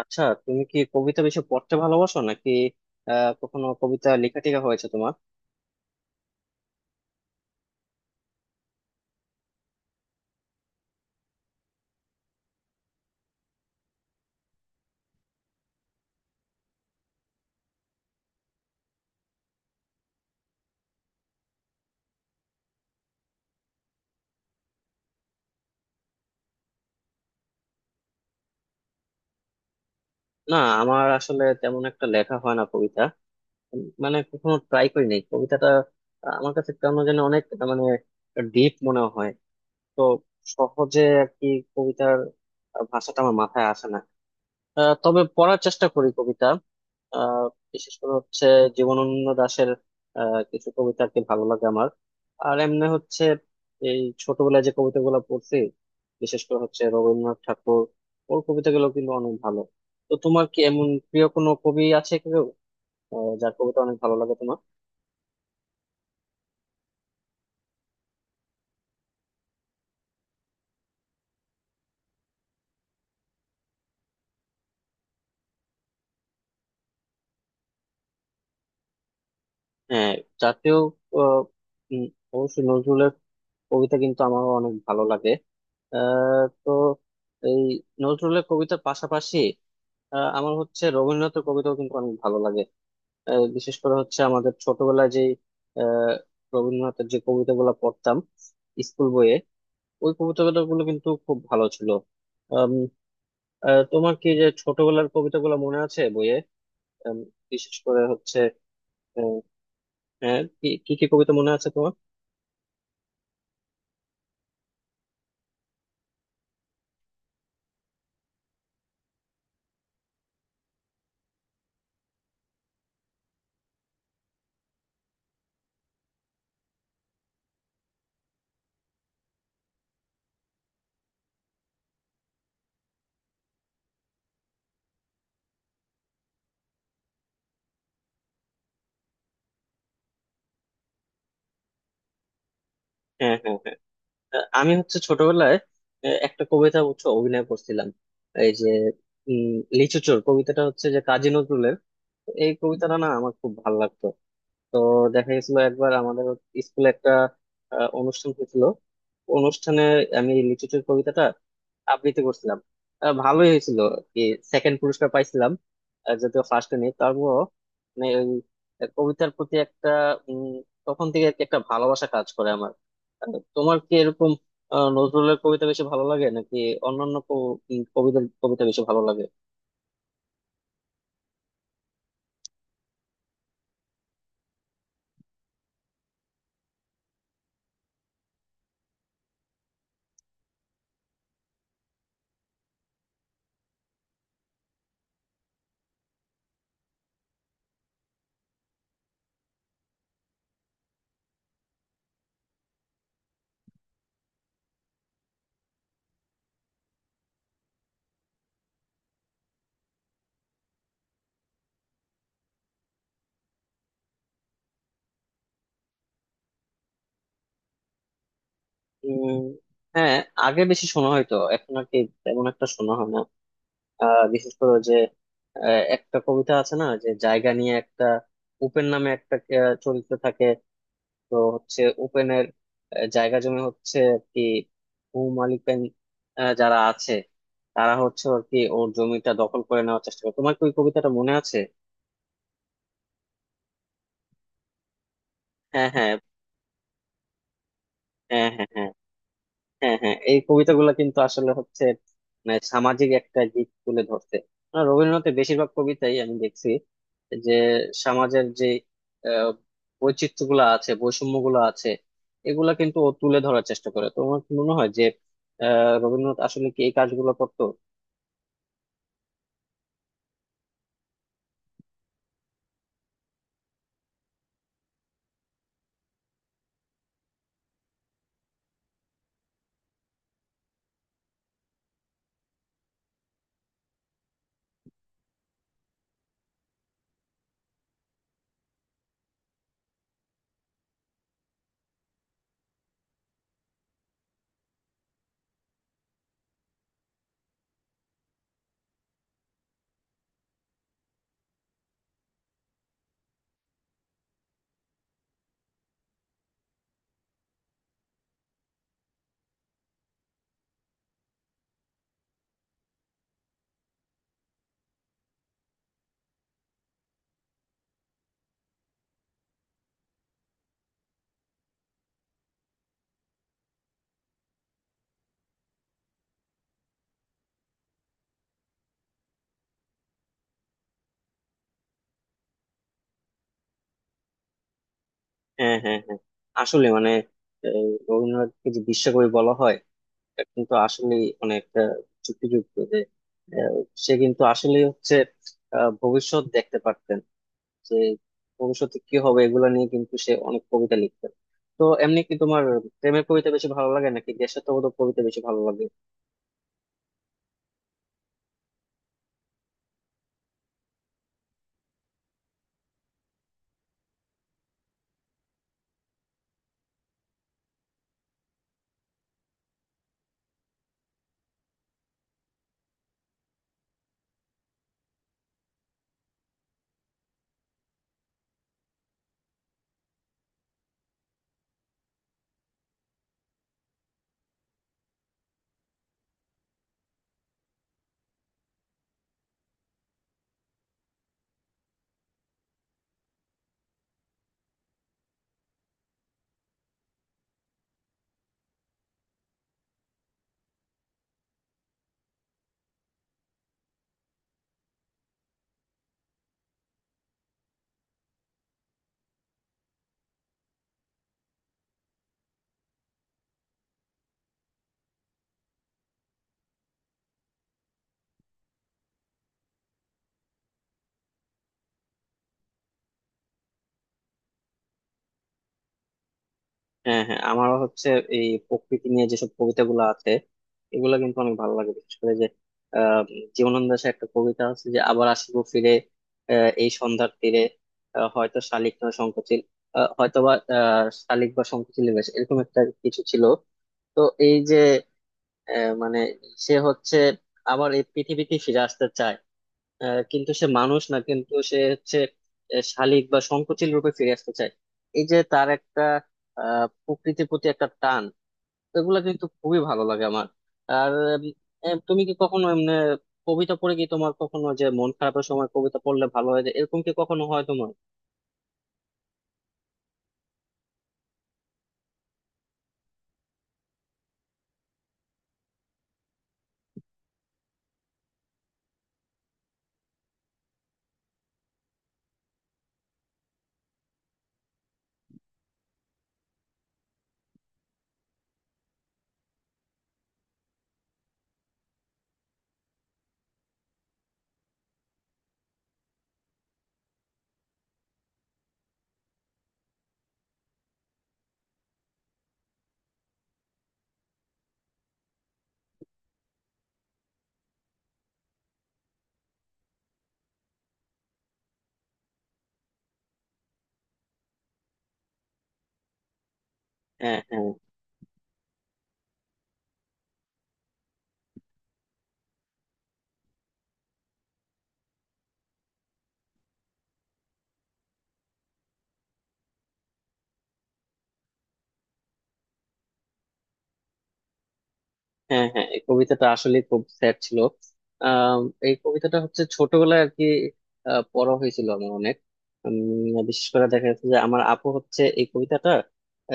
আচ্ছা, তুমি কি কবিতা বেশি পড়তে ভালোবাসো নাকি? কখনো কবিতা লেখা টেখা হয়েছে তোমার? না, আমার আসলে তেমন একটা লেখা হয় না কবিতা। মানে কখনো ট্রাই করি নাই কবিতাটা। আমার কাছে কেন যেন অনেক মানে ডিপ মনে হয়। তো সহজে আর কি কবিতার ভাষাটা আমার মাথায় আসে না। তবে পড়ার চেষ্টা করি কবিতা। আহ বিশেষ করে হচ্ছে জীবনানন্দ দাশের কিছু কবিতা আর কি ভালো লাগে আমার। আর এমনি হচ্ছে এই ছোটবেলায় যে কবিতাগুলো পড়ছি, বিশেষ করে হচ্ছে রবীন্দ্রনাথ ঠাকুর, ওর কবিতাগুলো কিন্তু অনেক ভালো। তো তোমার কি এমন প্রিয় কোনো কবি আছে কেউ, যার কবিতা অনেক ভালো লাগে তোমার? হ্যাঁ, জাতীয়। আহ, উম, অবশ্যই নজরুলের কবিতা কিন্তু আমারও অনেক ভালো লাগে। তো এই নজরুলের কবিতার পাশাপাশি আমার হচ্ছে রবীন্দ্রনাথের কবিতাও কিন্তু অনেক ভালো লাগে। বিশেষ করে হচ্ছে আমাদের ছোটবেলায় যে আহ, রবীন্দ্রনাথের যে কবিতাগুলো পড়তাম স্কুল বইয়ে, ওই কবিতাগুলো কিন্তু খুব ভালো ছিল। আম, তোমার কি যে ছোটবেলার কবিতাগুলো মনে আছে বইয়ে? আম, বিশেষ করে হচ্ছে আহ, হ্যাঁ, কি কি কি কবিতা মনে আছে তোমার? হ্যাঁ, হ্যাঁ, হ্যাঁ। আমি হচ্ছে ছোটবেলায় একটা কবিতা হচ্ছে অভিনয় করছিলাম। এই যে উম লিচু চোর কবিতাটা হচ্ছে যে কাজী নজরুলের। এই কবিতাটা না আমার খুব ভালো লাগতো। তো দেখা গেছিল একবার আমাদের স্কুলে একটা অনুষ্ঠান হয়েছিল। অনুষ্ঠানে আমি লিচুচোর কবিতাটা আবৃত্তি করছিলাম। ভালোই হয়েছিল। কি, সেকেন্ড পুরস্কার পাইছিলাম। যদিও ফার্স্টে নেই, তারপরও মানে ওই কবিতার প্রতি একটা উম, তখন থেকে আর কি একটা ভালোবাসা কাজ করে আমার। তোমার কি এরকম নজরুলের কবিতা বেশি ভালো লাগে নাকি অন্যান্য কবিতার কবিতা বেশি ভালো লাগে? উম হ্যাঁ, আগে বেশি শোনা হয়তো এখন আর কি তেমন একটা শোনা হয় না। বিশেষ করে ওই যে একটা কবিতা আছে না, যে জায়গা নিয়ে একটা উপেন নামে একটা চরিত্র থাকে। তো হচ্ছে উপেনের জায়গা জমি হচ্ছে আর কি, ভূমালিকেন যারা আছে, তারা হচ্ছে আর কি ওর জমিটা দখল করে নেওয়ার চেষ্টা করে। তোমার কি ওই কবিতাটা মনে আছে? হ্যাঁ, হ্যাঁ, হ্যাঁ, হ্যাঁ, হ্যাঁ, হ্যাঁ, হ্যাঁ। এই কবিতাগুলো কিন্তু আসলে হচ্ছে মানে সামাজিক একটা দিক তুলে ধরছে। আর রবীন্দ্রনাথের বেশিরভাগ কবিতাই আমি দেখছি যে সমাজের যে আহ, বৈচিত্র্যগুলো আছে, বৈষম্যগুলো আছে, এগুলা কিন্তু ও তুলে ধরার চেষ্টা করে। তোমার কি মনে হয় যে রবীন্দ্রনাথ আসলে কি এই কাজগুলো করতো? হ্যাঁ, হ্যাঁ, হ্যাঁ। আসলে মানে এই রবীন্দ্রনাথকে যে বিশ্বকবি বলা হয়, এটা কিন্তু আসলে অনেক যুক্তিযুক্ত, যে আহ, সে কিন্তু আসলে হচ্ছে ভবিষ্যৎ দেখতে পারতেন, যে ভবিষ্যতে কি হবে এগুলো নিয়ে কিন্তু সে অনেক কবিতা লিখতেন। তো এমনি কি তোমার প্রেমের কবিতা বেশি ভালো লাগে নাকি দেশাত্মবোধক কবিতা বেশি ভালো লাগে? হ্যাঁ, হ্যাঁ, আমারও হচ্ছে এই প্রকৃতি নিয়ে যেসব কবিতাগুলো আছে এগুলো কিন্তু অনেক ভালো লাগে। বিশেষ করে যে আহ জীবনানন্দ দাশের একটা কবিতা আছে যে, আবার আসিব ফিরে এই সন্ধ্যার তীরে, হয়তো শালিক না সংকোচিল, হয়তো বা শালিক বা সংকোচিল, বেশ এরকম একটা কিছু ছিল। তো এই যে মানে সে হচ্ছে আবার এই পৃথিবীতে ফিরে আসতে চায়। কিন্তু সে মানুষ না, কিন্তু সে হচ্ছে শালীক বা সংকুচিল রূপে ফিরে আসতে চায়। এই যে তার একটা প্রকৃতির প্রতি একটা টান, এগুলা কিন্তু খুবই ভালো লাগে আমার। আর উম, তুমি কি কখনো এমনি কবিতা পড়ে কি তোমার কখনো যে মন খারাপের সময় কবিতা পড়লে ভালো হয়ে যায়, এরকম কি কখনো হয় তোমার? হ্যাঁ, হ্যাঁ, হ্যাঁ, হ্যাঁ। এই কবিতাটা আসলে খুব স্যাড ছিল। আম, এই কবিতাটা হচ্ছে ছোটবেলায় আর কি পড়া হয়েছিল আমার অনেক। বিশেষ করে দেখা যাচ্ছে যে আমার আপু হচ্ছে এই কবিতাটা আহ,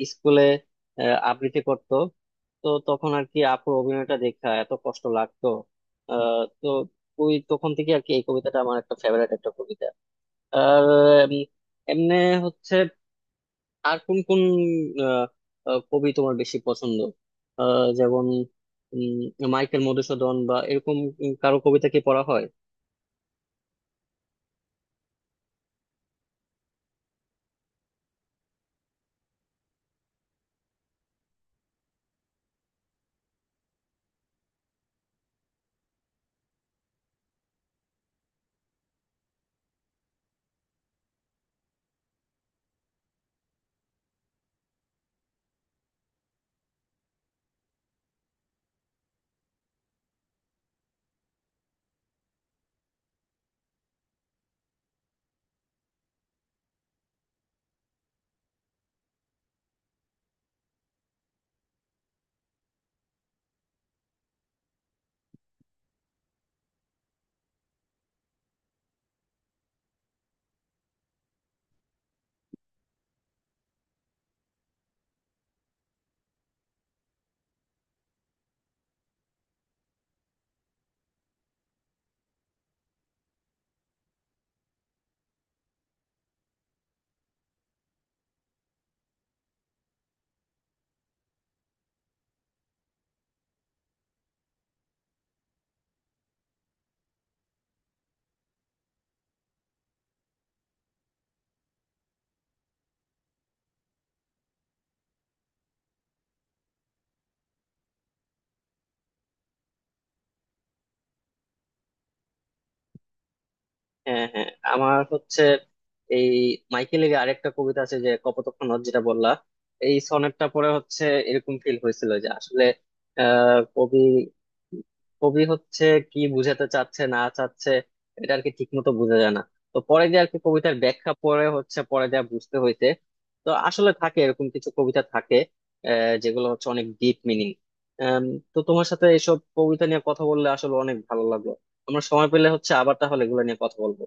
এই স্কুলে আবৃত্তি করত। তো তখন আর কি আপুর অভিনয়টা দেখা এত কষ্ট লাগতো। তো ওই তখন থেকে আর কি এই কবিতাটা আমার একটা ফেভারিট একটা কবিতা। আর এমনি হচ্ছে আর কোন কোন আহ, আহ, কবি তোমার বেশি পছন্দ? যেমন উম, মাইকেল মধুসূদন বা এরকম কারো কবিতা কি পড়া হয়? হ্যাঁ, হ্যাঁ, আমার হচ্ছে এই মাইকেলের আরেকটা কবিতা আছে যে কপোতাক্ষ নদ, যেটা বললা। এই সনেটটা পরে হচ্ছে এরকম ফিল হয়েছিল যে আসলে কবি কবি হচ্ছে কি বুঝাতে চাচ্ছে না চাচ্ছে, এটা আর কি ঠিক মতো বোঝা যায় না। তো পরে যে আর কি কবিতার ব্যাখ্যা পরে হচ্ছে পরে যা বুঝতে হইতে। তো আসলে থাকে এরকম কিছু কবিতা থাকে, যেগুলো হচ্ছে অনেক ডিপ মিনিং। তো তোমার সাথে এসব কবিতা নিয়ে কথা বললে আসলে অনেক ভালো লাগলো। আমরা সময় পেলে হচ্ছে আবার তাহলে এগুলো নিয়ে কথা বলবো।